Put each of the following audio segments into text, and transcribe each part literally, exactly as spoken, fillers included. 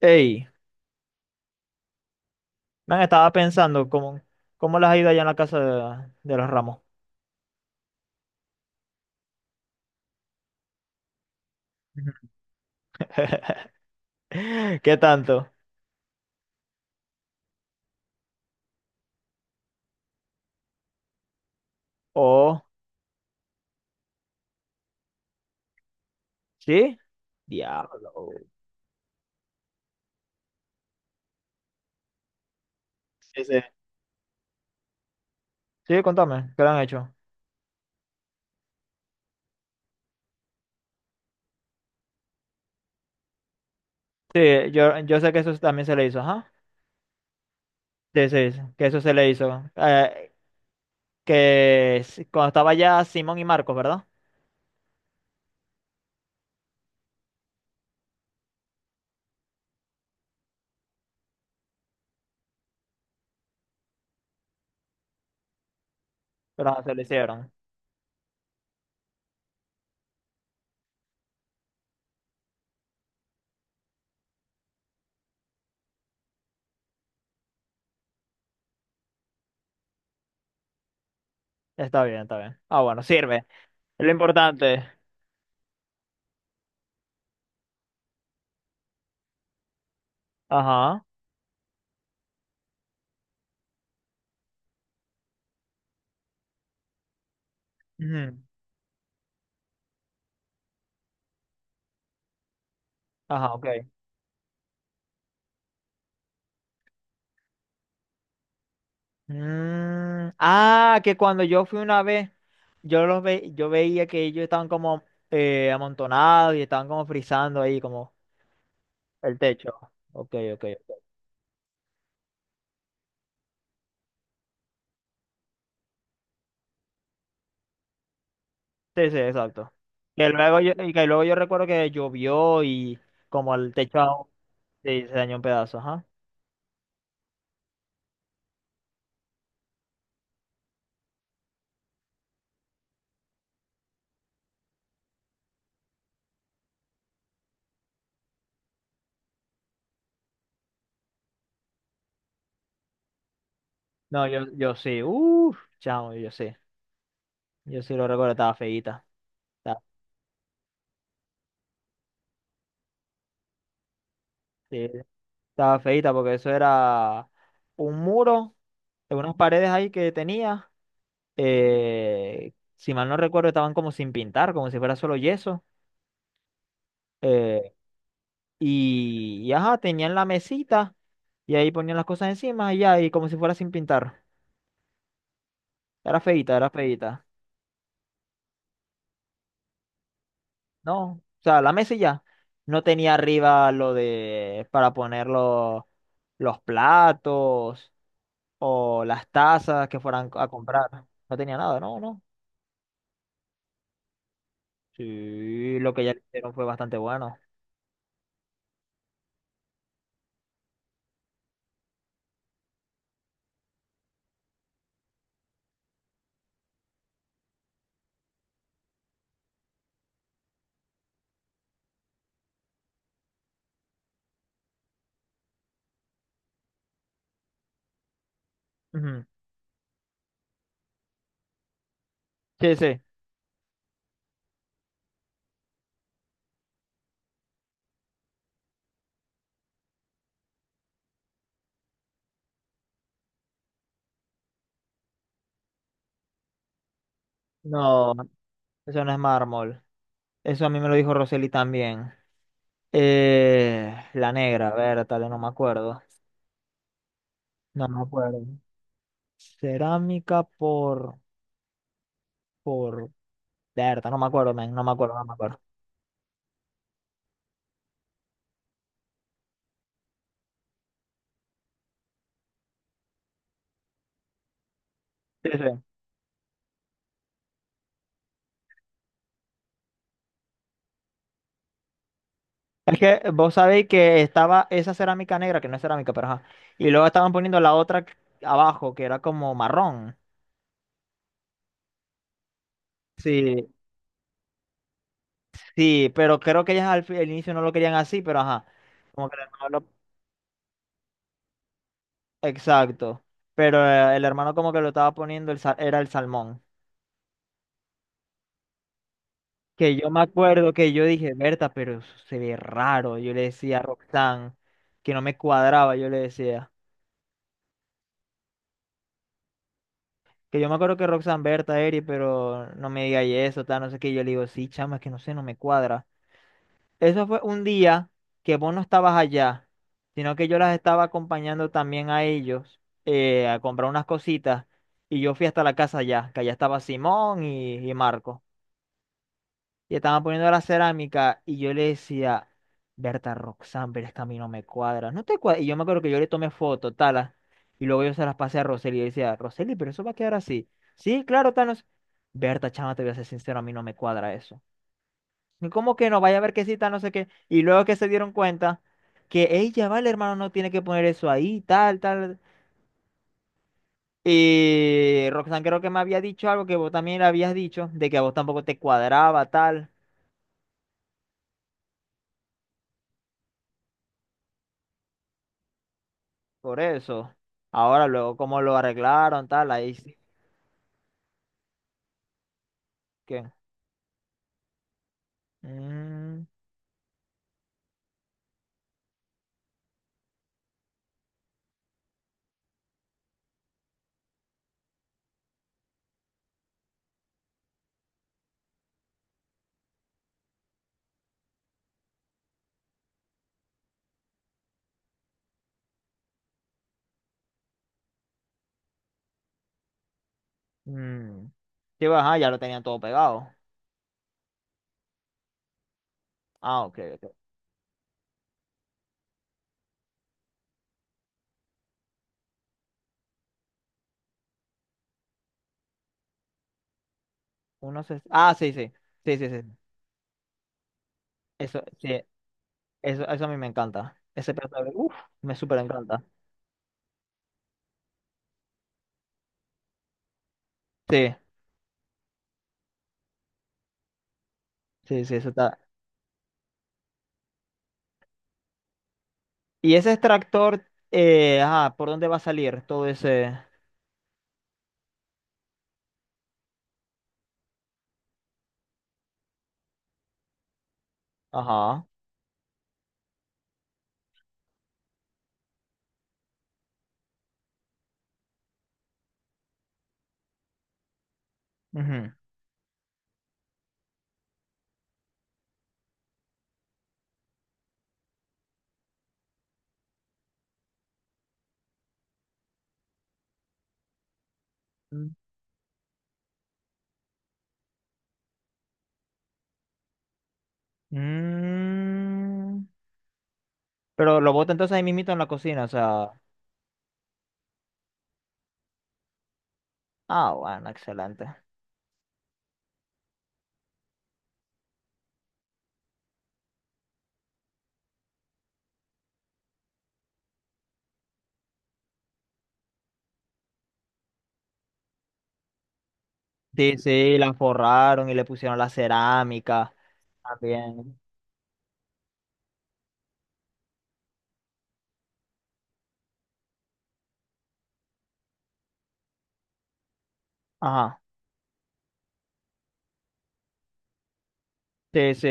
Ey, man, estaba pensando cómo, cómo les ha ido allá en la casa de, de los Ramos. Ujú. ¿Qué tanto? Oh, ¿sí? Diablo. Sí, sí. Sí, contame, ¿qué le han hecho? Sí, yo, yo sé que eso también se le hizo, ajá. Sí, sí, sí, que eso se le hizo. Eh, que s- cuando estaba ya Simón y Marcos, ¿verdad? Pero no se le hicieron. Está bien, está bien. Ah, bueno, sirve. Es lo importante. Ajá. Ujú. Ajá, ok. Mm, ah, que cuando yo fui una vez, yo los ve, yo veía que ellos estaban como eh, amontonados y estaban como frizando ahí como el techo. Ok, ok, ok. Sí, sí, exacto. Que luego yo, y que luego yo recuerdo que llovió y como el techo aún- Sí, se dañó un pedazo, ajá. No, yo, yo sí, uff, chamo, yo sí. Yo sí lo recuerdo, estaba feíta. Estaba, sí, estaba feíta porque eso era un muro, unas paredes ahí que tenía. Eh, si mal no recuerdo, estaban como sin pintar, como si fuera solo yeso. eh, y, y ajá, tenían la mesita y ahí ponían las cosas encima y ya, y como si fuera sin pintar. Era feíta, era feíta. No, o sea, la mesa y ya. No tenía arriba lo de para poner los, los platos o las tazas que fueran a comprar. No tenía nada, no, no. Sí, lo que ya hicieron fue bastante bueno. Ujú. Sí, sí. No, eso no es mármol. Eso a mí me lo dijo Roseli también. Eh, la negra, a ver, tal, no me acuerdo. No me acuerdo. Cerámica por, por, Berta, no me acuerdo, men, no me acuerdo, no me acuerdo. Sí, sí. Es que vos sabéis que estaba esa cerámica negra, que no es cerámica, pero ajá. Y luego estaban poniendo la otra abajo, que era como marrón. Sí, sí, pero creo que ellas al, fi- al inicio no lo querían así, pero ajá. Como que el hermano lo- Exacto. Pero eh, el hermano como que lo estaba poniendo, el, sa- era el salmón. Que yo me acuerdo que yo dije, Berta, pero eso se ve raro. Yo le decía a Roxanne que no me cuadraba, yo le decía. Que yo me acuerdo que Roxanne, Berta, Eri, pero no me diga y eso, tal, no sé qué. Yo le digo, sí, chama, es que no sé, no me cuadra. Eso fue un día que vos no estabas allá, sino que yo las estaba acompañando también a ellos eh, a comprar unas cositas. Y yo fui hasta la casa allá, que allá estaba Simón y, y Marco. Y estaban poniendo la cerámica y yo le decía, Berta Roxanne, pero es que a mí no me cuadra. No te cuadra. Y yo me acuerdo que yo le tomé foto, talas, y luego yo se las pasé a Roseli y yo decía, Roseli, pero eso va a quedar así. Sí, claro, tal, no Berta, chama, te voy a ser sincero, a mí no me cuadra eso. Y ¿cómo que no? Vaya a ver que sí, tal, no sé qué. Y luego que se dieron cuenta que ella, vale, hermano, no tiene que poner eso ahí, tal, tal. Y Roxanne creo que me había dicho algo que vos también le habías dicho, de que a vos tampoco te cuadraba, tal. Por eso. Ahora, luego, cómo lo arreglaron, tal, ahí sí que. Mm, mm. Sí, bueno, ajá, ya lo tenían todo pegado. Ah, ok, ok. Uno se- Ah, sí, sí. Sí, sí, sí. Eso, sí. Eso, eso a mí me encanta. Ese plato de- Uf, me súper encanta. Sí, sí, sí, eso está. Y ese extractor, eh, ajá, ¿por dónde va a salir todo ese. Ajá. Ujú. Mm. Pero lo bota entonces ahí mismito en la cocina, o sea. Ah, bueno, excelente. Sí, sí, la forraron y le pusieron la cerámica también. Ajá, sí, sí,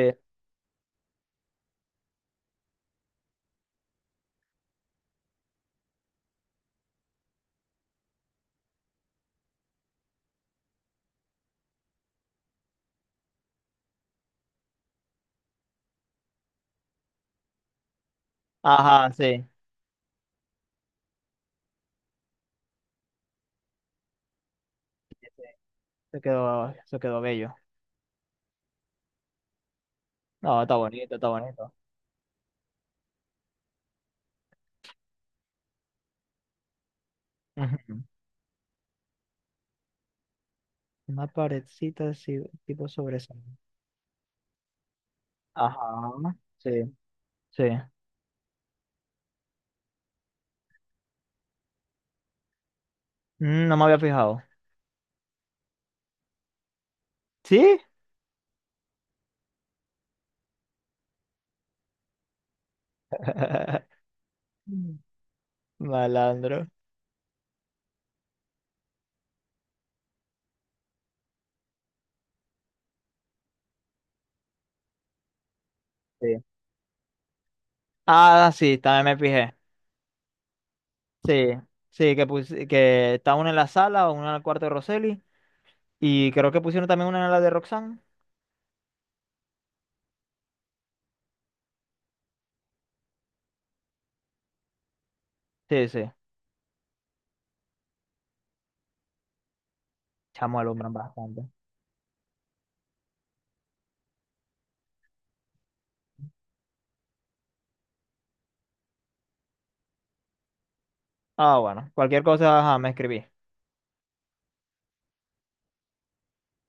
ajá, sí. Se quedó, se quedó bello. No, está bonito, está bonito. Ujú. Una paredcita así, tipo sobresaliente. Ajá, sí, sí. Mm, no me había fijado. ¿Sí? Malandro. Sí. Ah, sí, también me fijé. Sí, sí, que, pus- que está una en la sala, una en el cuarto de Roseli. Y creo que pusieron también una en la de Roxanne. Sí, sí. Chamo, alumbran bastante. Ah, bueno. Cualquier cosa, ajá, me escribí.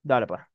Dale, pues.